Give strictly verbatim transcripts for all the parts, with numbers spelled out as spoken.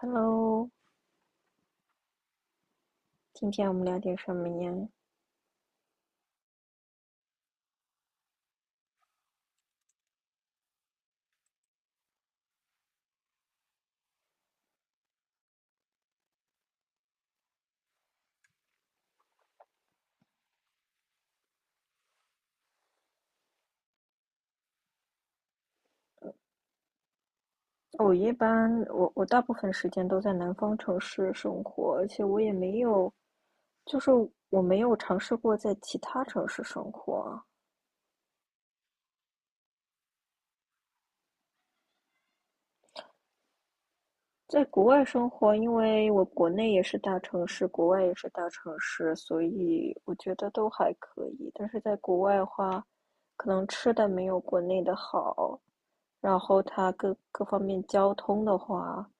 Hello，今天我们聊点什么呀？我一般我我大部分时间都在南方城市生活，而且我也没有，就是我没有尝试过在其他城市生活。在国外生活，因为我国内也是大城市，国外也是大城市，所以我觉得都还可以。但是在国外的话，可能吃的没有国内的好，然后它各各方面交通的话。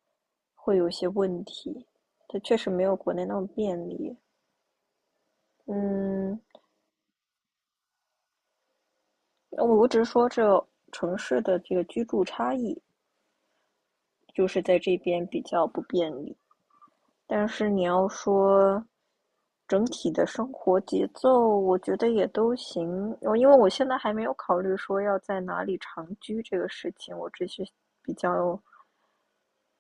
会有一些问题。它确实没有国内那么便利。嗯，我我只是说这城市的这个居住差异，就是在这边比较不便利。但是你要说整体的生活节奏，我觉得也都行。我因为我现在还没有考虑说要在哪里长居这个事情，我只是比较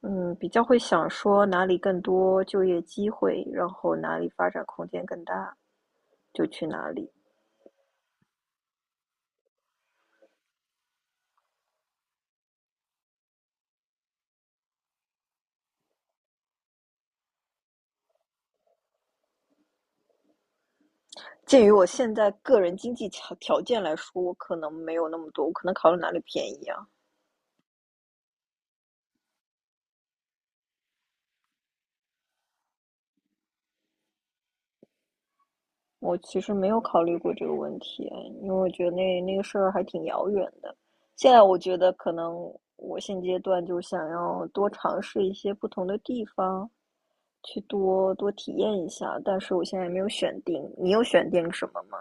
嗯比较会想说哪里更多就业机会，然后哪里发展空间更大，就去哪里。鉴于我现在个人经济条条件来说，我可能没有那么多，我可能考虑哪里便宜啊。我其实没有考虑过这个问题，因为我觉得那那个事儿还挺遥远的。现在我觉得可能我现阶段就是想要多尝试一些不同的地方，去多多体验一下。但是我现在没有选定，你有选定什么吗？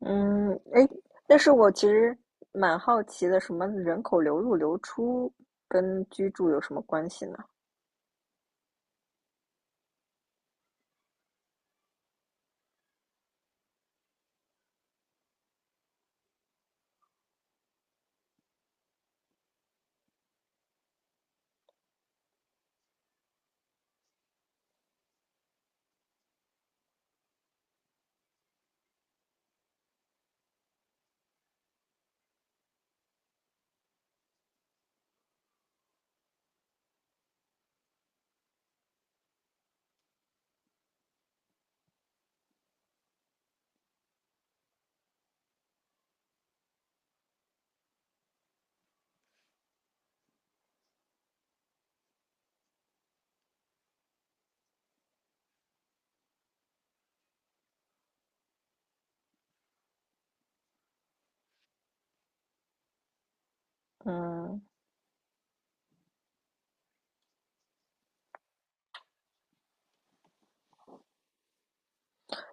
嗯，哎，但是我其实蛮好奇的，什么人口流入流出跟居住有什么关系呢？嗯。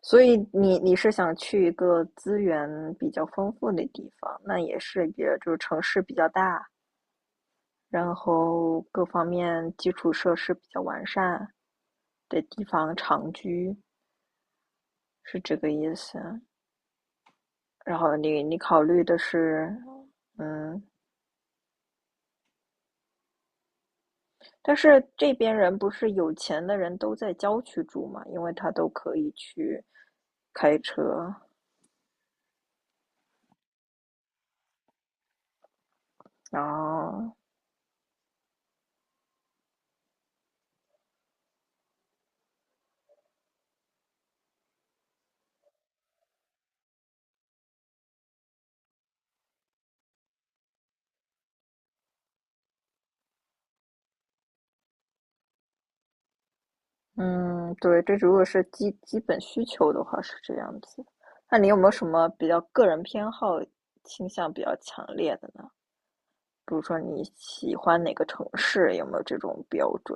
所以你你是想去一个资源比较丰富的地方，那也是也就是城市比较大，然后各方面基础设施比较完善的地方长居，是这个意思。然后你你考虑的是，嗯，但是这边人不是有钱的人都在郊区住嘛，因为他都可以去开车，然后嗯，对，这如果是基基本需求的话是这样子。那你有没有什么比较个人偏好倾向比较强烈的呢？比如说你喜欢哪个城市，有没有这种标准？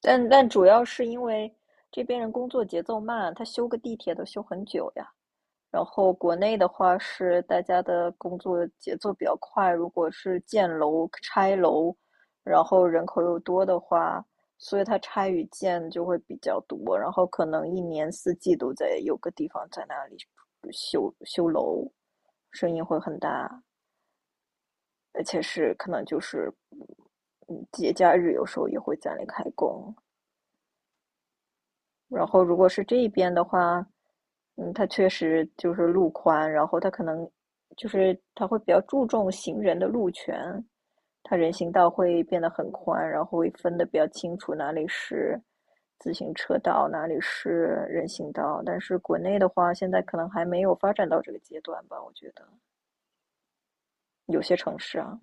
但但主要是因为这边人工作节奏慢，他修个地铁都修很久呀。然后国内的话是大家的工作节奏比较快，如果是建楼、拆楼，然后人口又多的话，所以它拆与建就会比较多，然后可能一年四季都在有个地方在那里修修楼，声音会很大，而且是可能就是，嗯，节假日有时候也会在那里开工。然后如果是这一边的话，嗯，它确实就是路宽，然后它可能就是它会比较注重行人的路权，它人行道会变得很宽，然后会分得比较清楚哪里是自行车道，哪里是人行道。但是国内的话，现在可能还没有发展到这个阶段吧，我觉得有些城市啊。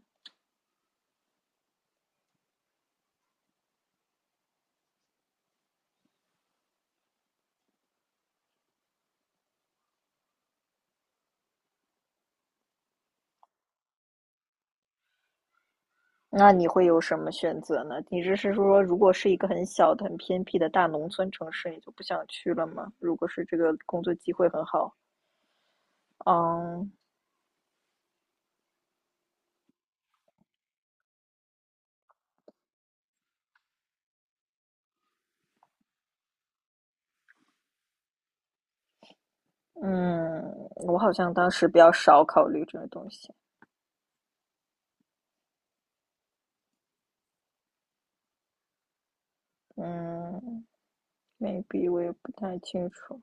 那你会有什么选择呢？你这是说，如果是一个很小的、很偏僻的大农村城市，你就不想去了吗？如果是这个工作机会很好，嗯嗯，我好像当时比较少考虑这个东西，嗯，maybe 我也不太清楚。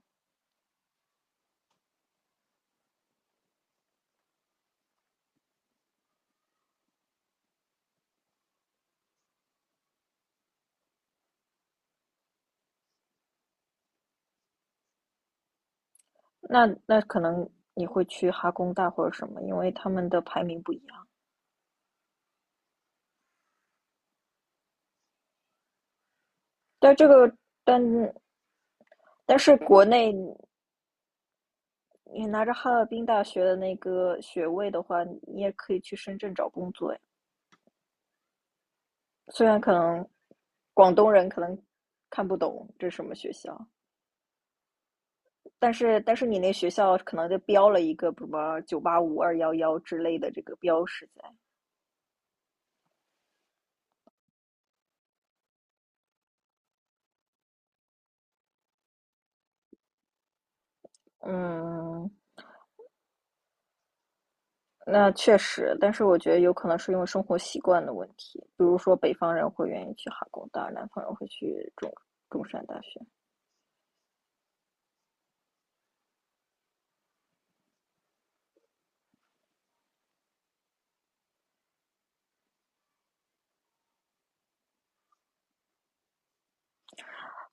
那那可能你会去哈工大或者什么，因为他们的排名不一样。但这个，但但是国内你拿着哈尔滨大学的那个学位的话，你也可以去深圳找工作呀。虽然可能广东人可能看不懂这是什么学校，但是但是你那学校可能就标了一个什么九八五二幺幺之类的这个标识在。嗯，那确实，但是我觉得有可能是因为生活习惯的问题，比如说北方人会愿意去哈工大，南方人会去中中山大学。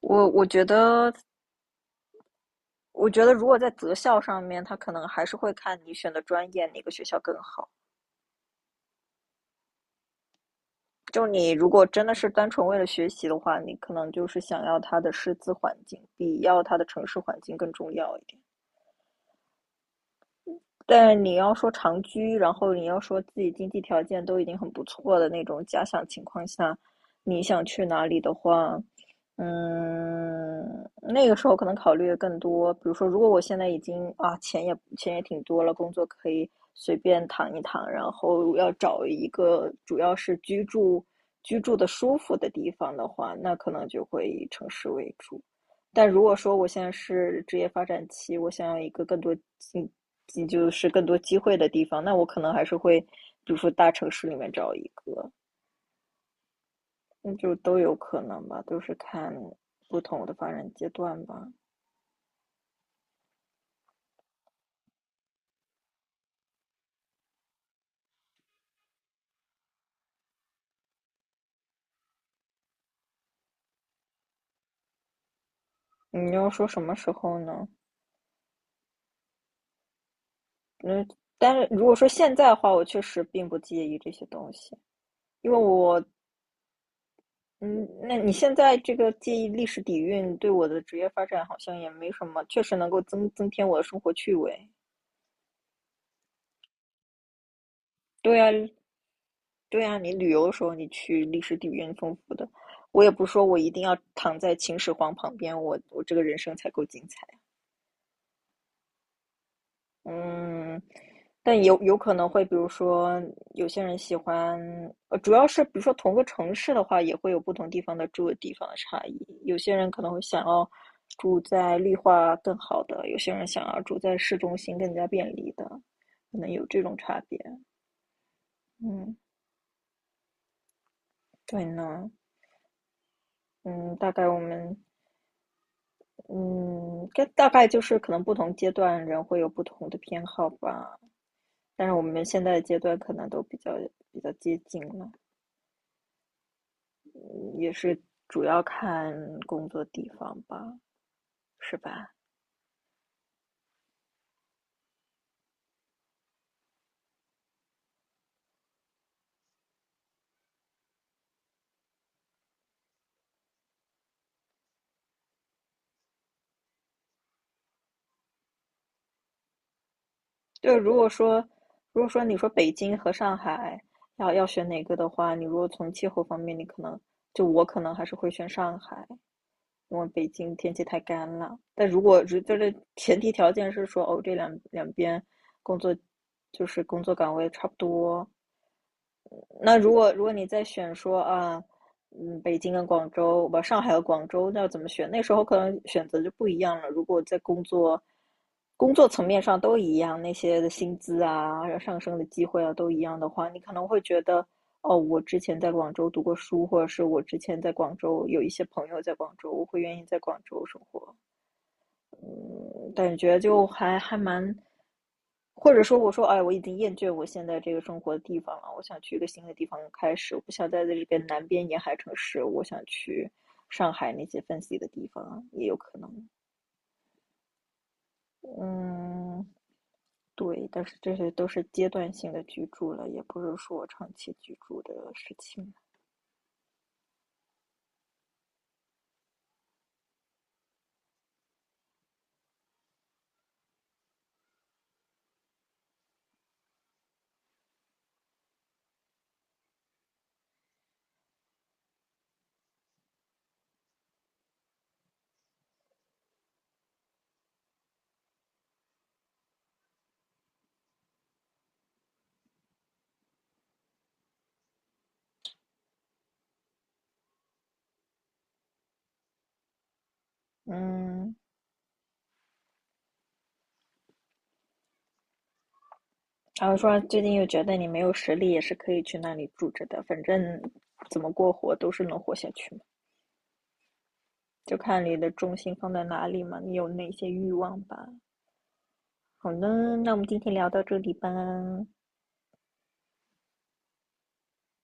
我我觉得我觉得如果在择校上面，他可能还是会看你选的专业哪个学校更好。就你如果真的是单纯为了学习的话，你可能就是想要他的师资环境比要他的城市环境更重要一点。但你要说长居，然后你要说自己经济条件都已经很不错的那种假想情况下，你想去哪里的话，嗯，那个时候可能考虑的更多。比如说，如果我现在已经啊钱也钱也挺多了，工作可以随便躺一躺，然后要找一个主要是居住居住的舒服的地方的话，那可能就会以城市为主。但如果说我现在是职业发展期，我想要一个更多机，就是更多机会的地方，那我可能还是会，比如说大城市里面找一个，那就都有可能吧，都是看不同的发展阶段吧。你要说什么时候呢？嗯，但是如果说现在的话，我确实并不介意这些东西，因为我，嗯，那你现在这个介意历史底蕴，对我的职业发展好像也没什么，确实能够增增添我的生活趣味。对啊，对啊，你旅游的时候，你去历史底蕴丰富的。我也不说我一定要躺在秦始皇旁边，我我这个人生才够精彩。嗯，但有有可能会，比如说有些人喜欢，呃，主要是比如说同个城市的话，也会有不同地方的住的地方的差异。有些人可能会想要住在绿化更好的，有些人想要住在市中心更加便利的，可能有这种差别。嗯，对呢。嗯，大概我们嗯，这大概就是可能不同阶段人会有不同的偏好吧，但是我们现在的阶段可能都比较比较接近了，嗯也是主要看工作地方吧，是吧？对，如果说如果说你说北京和上海要要选哪个的话，你如果从气候方面，你可能就我可能还是会选上海，因为北京天气太干了。但如果就是前提条件是说，哦，这两两边工作就是工作岗位差不多，那如果如果你再选说啊，嗯，北京跟广州，不，上海和广州，那要怎么选？那时候可能选择就不一样了。如果在工作工作层面上都一样，那些的薪资啊、上升的机会啊都一样的话，你可能会觉得，哦，我之前在广州读过书，或者是我之前在广州有一些朋友在广州，我会愿意在广州生活。嗯，感觉就还还蛮，或者说我说，哎，我已经厌倦我现在这个生活的地方了，我想去一个新的地方开始，我不想待在这边南边沿海城市，我想去上海那些分析的地方，也有可能。嗯，对，但是这些都是阶段性的居住了，也不是说长期居住的事情。嗯，然后说最近又觉得你没有实力，也是可以去那里住着的，反正怎么过活都是能活下去就看你的重心放在哪里嘛，你有哪些欲望吧。好呢，那我们今天聊到这里吧。